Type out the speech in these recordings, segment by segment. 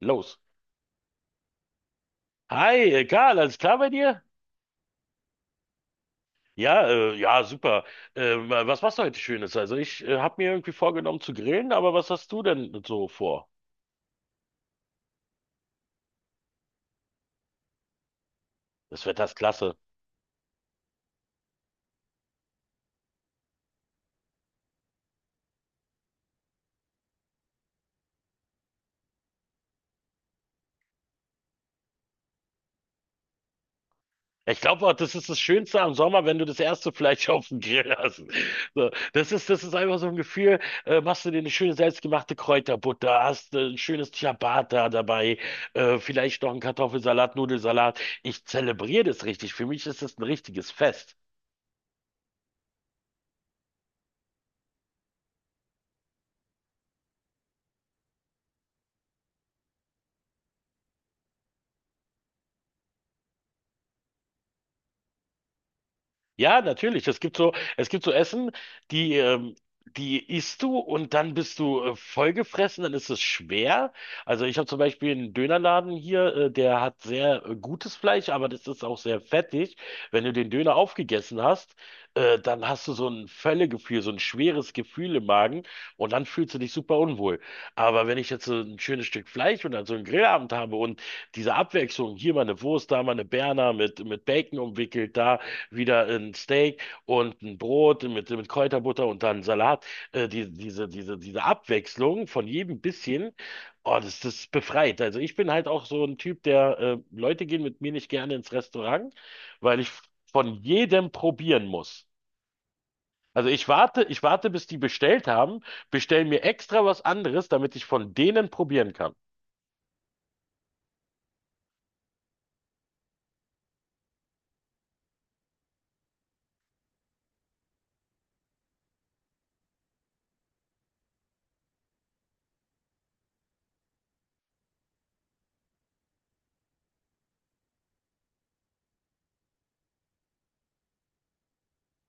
Los. Hi, Karl, alles klar bei dir? Ja, super. Was machst du heute Schönes? Also ich habe mir irgendwie vorgenommen zu grillen, aber was hast du denn so vor? Das Wetter ist klasse. Ich glaube, das ist das Schönste am Sommer, wenn du das erste Fleisch auf dem Grill hast. So, das ist einfach so ein Gefühl. Machst du dir eine schöne selbstgemachte Kräuterbutter, hast ein schönes Ciabatta dabei, vielleicht noch einen Kartoffelsalat, Nudelsalat. Ich zelebriere das richtig. Für mich ist das ein richtiges Fest. Ja, natürlich. Es gibt so Essen, die, ähm, die isst du und dann bist du vollgefressen, dann ist es schwer. Also ich habe zum Beispiel einen Dönerladen hier, der hat sehr gutes Fleisch, aber das ist auch sehr fettig. Wenn du den Döner aufgegessen hast, dann hast du so ein Völlegefühl, so ein schweres Gefühl im Magen und dann fühlst du dich super unwohl. Aber wenn ich jetzt so ein schönes Stück Fleisch und dann so einen Grillabend habe und diese Abwechslung, hier mal eine Wurst, da mal eine Berner mit Bacon umwickelt, da wieder ein Steak und ein Brot mit Kräuterbutter und dann Salat. Diese Abwechslung von jedem bisschen, oh, das, das befreit. Also ich bin halt auch so ein Typ, der Leute gehen mit mir nicht gerne ins Restaurant, weil ich von jedem probieren muss. Also ich warte, bis die bestellt haben, bestell mir extra was anderes, damit ich von denen probieren kann.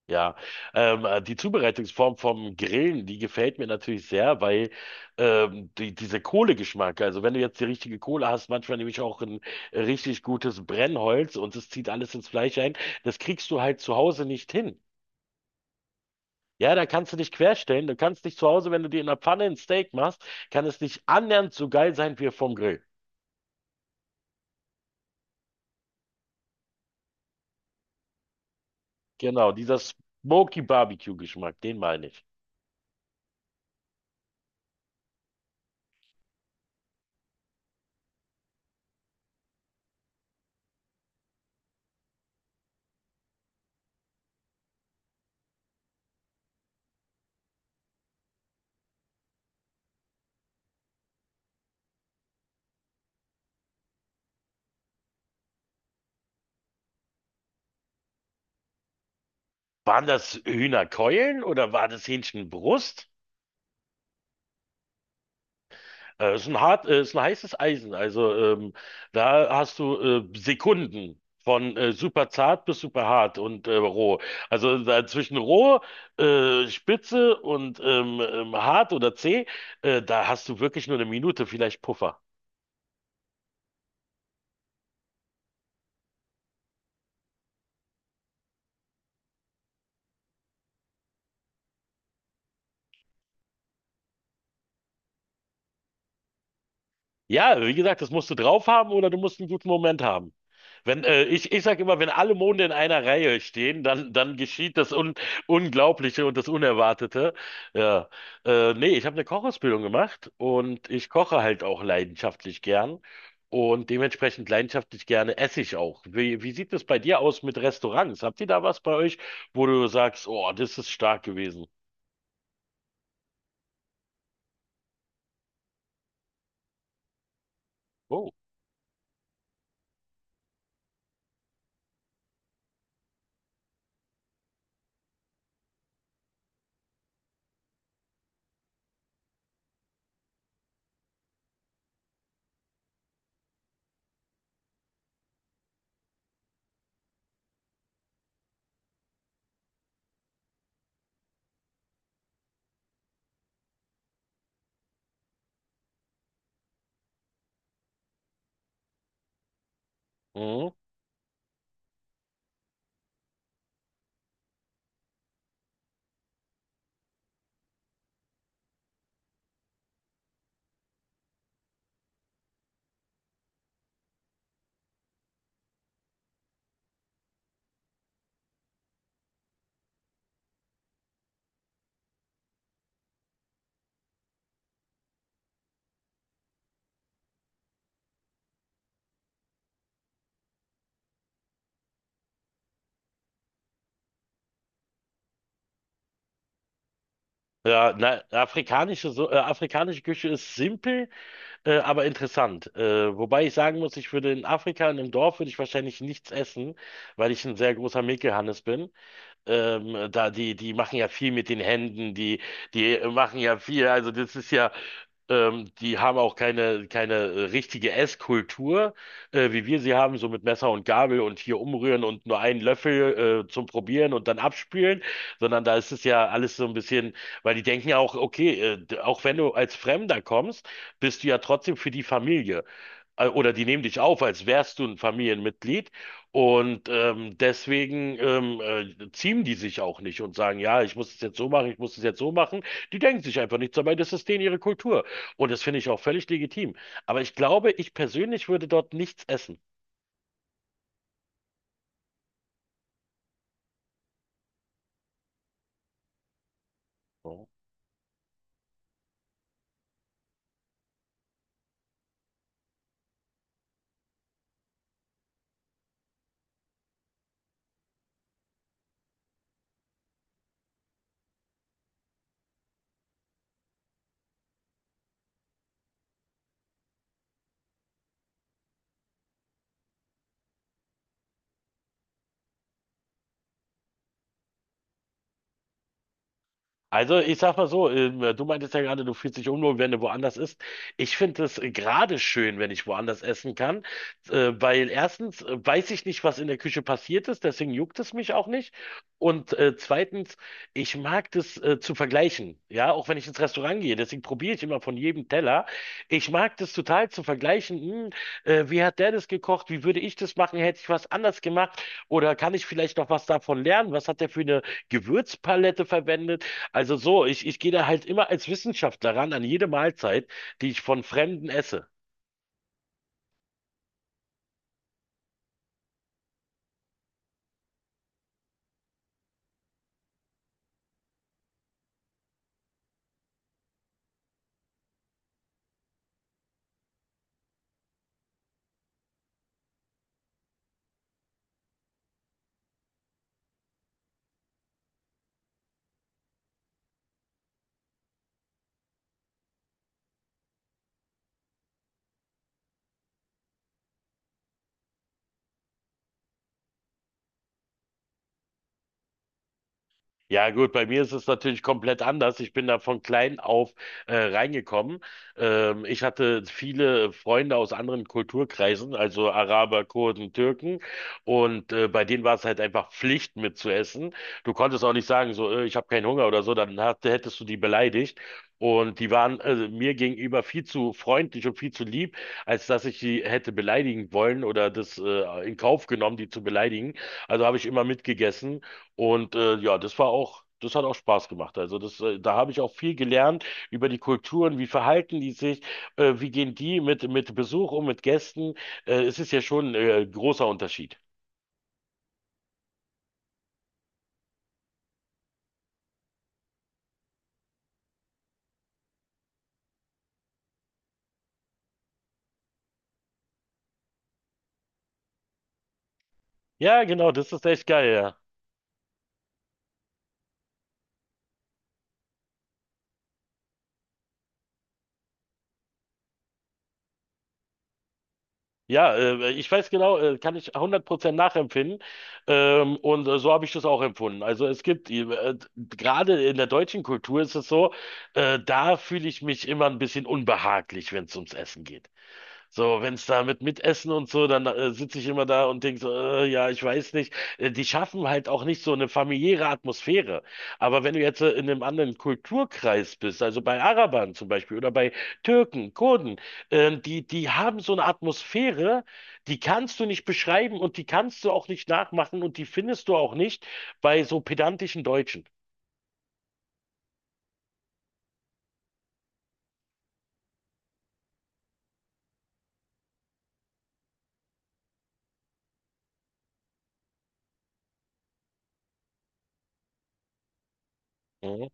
Ja, die Zubereitungsform vom Grillen, die gefällt mir natürlich sehr, weil diese Kohlegeschmack, also wenn du jetzt die richtige Kohle hast, manchmal nehme ich auch ein richtig gutes Brennholz und es zieht alles ins Fleisch ein, das kriegst du halt zu Hause nicht hin. Ja, da kannst du dich querstellen, du kannst dich zu Hause, wenn du dir in der Pfanne ein Steak machst, kann es nicht annähernd so geil sein wie vom Grill. Genau, dieser Smoky Barbecue Geschmack, den meine ich. Waren das Hühnerkeulen oder war das Hähnchenbrust? Ist ein hart, ist ein heißes Eisen. Da hast du Sekunden von super zart bis super hart und roh. Also da zwischen roh, spitze und hart oder zäh, da hast du wirklich nur eine Minute, vielleicht Puffer. Ja, wie gesagt, das musst du drauf haben oder du musst einen guten Moment haben. Wenn, ich, ich sage immer, wenn alle Monde in einer Reihe stehen, dann, dann geschieht das Un Unglaubliche und das Unerwartete. Ja. Nee, ich habe eine Kochausbildung gemacht und ich koche halt auch leidenschaftlich gern. Und dementsprechend leidenschaftlich gerne esse ich auch. Wie, wie sieht es bei dir aus mit Restaurants? Habt ihr da was bei euch, wo du sagst, oh, das ist stark gewesen? Oh. Mhm. Ja, na, afrikanische Küche ist simpel, aber interessant. Wobei ich sagen muss, ich würde in Afrika, in einem Dorf, würde ich wahrscheinlich nichts essen, weil ich ein sehr großer Mekel-Hannes bin. Da die, die machen ja viel mit den Händen, die, die machen ja viel. Also das ist ja, die haben auch keine richtige Esskultur, wie wir sie haben, so mit Messer und Gabel und hier umrühren und nur einen Löffel, zum Probieren und dann abspülen, sondern da ist es ja alles so ein bisschen, weil die denken ja auch, okay, auch wenn du als Fremder kommst, bist du ja trotzdem für die Familie. Oder die nehmen dich auf, als wärst du ein Familienmitglied. Deswegen ziehen die sich auch nicht und sagen, ja, ich muss es jetzt so machen, ich muss es jetzt so machen. Die denken sich einfach nichts dabei, das ist denen ihre Kultur. Und das finde ich auch völlig legitim. Aber ich glaube, ich persönlich würde dort nichts essen. So. Also, ich sag mal so, du meintest ja gerade, du fühlst dich unwohl, wenn du woanders isst. Ich finde es gerade schön, wenn ich woanders essen kann, weil erstens weiß ich nicht, was in der Küche passiert ist, deswegen juckt es mich auch nicht. Und zweitens, ich mag das zu vergleichen, ja, auch wenn ich ins Restaurant gehe, deswegen probiere ich immer von jedem Teller. Ich mag das total zu vergleichen, wie hat der das gekocht, wie würde ich das machen, hätte ich was anders gemacht oder kann ich vielleicht noch was davon lernen, was hat der für eine Gewürzpalette verwendet? Also so, ich gehe da halt immer als Wissenschaftler ran an jede Mahlzeit, die ich von Fremden esse. Ja gut, bei mir ist es natürlich komplett anders. Ich bin da von klein auf reingekommen. Ich hatte viele Freunde aus anderen Kulturkreisen, also Araber, Kurden, Türken. Und bei denen war es halt einfach Pflicht mitzuessen. Du konntest auch nicht sagen, so, ich habe keinen Hunger oder so, hättest du die beleidigt. Und die waren mir gegenüber viel zu freundlich und viel zu lieb, als dass ich die hätte beleidigen wollen oder das in Kauf genommen, die zu beleidigen. Also habe ich immer mitgegessen. Und ja, das hat auch Spaß gemacht. Da habe ich auch viel gelernt über die Kulturen, wie verhalten die sich, wie gehen die mit Besuch um, mit Gästen. Es ist ja schon großer Unterschied. Ja, genau, das ist echt geil, ja. Ja, ich weiß genau, kann ich 100% nachempfinden. Und so habe ich das auch empfunden. Also es gibt, gerade in der deutschen Kultur ist es so, da fühle ich mich immer ein bisschen unbehaglich, wenn es ums Essen geht. So, wenn es da mit Mitessen und so, dann sitze ich immer da und denke so, ja, ich weiß nicht. Die schaffen halt auch nicht so eine familiäre Atmosphäre. Aber wenn du jetzt in einem anderen Kulturkreis bist, also bei Arabern zum Beispiel oder bei Türken, Kurden, die, die haben so eine Atmosphäre, die kannst du nicht beschreiben und die kannst du auch nicht nachmachen und die findest du auch nicht bei so pedantischen Deutschen. Mhm.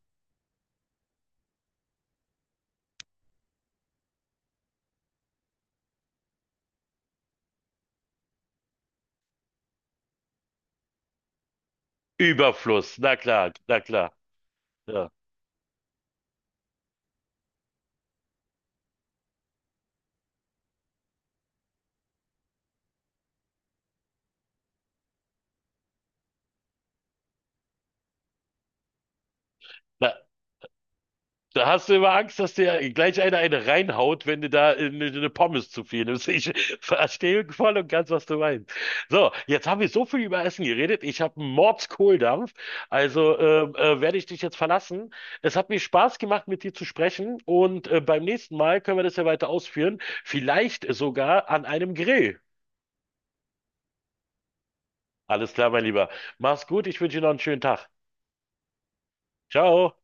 Überfluss, na klar, na klar. Ja. Na, da hast du immer Angst, dass dir gleich einer eine reinhaut, wenn du da eine Pommes zu viel nimmst. Ich verstehe voll und ganz, was du meinst. So, jetzt haben wir so viel über Essen geredet. Ich habe einen Mordskohldampf. Also werde ich dich jetzt verlassen. Es hat mir Spaß gemacht, mit dir zu sprechen. Und beim nächsten Mal können wir das ja weiter ausführen. Vielleicht sogar an einem Grill. Alles klar, mein Lieber. Mach's gut. Ich wünsche dir noch einen schönen Tag. Ciao.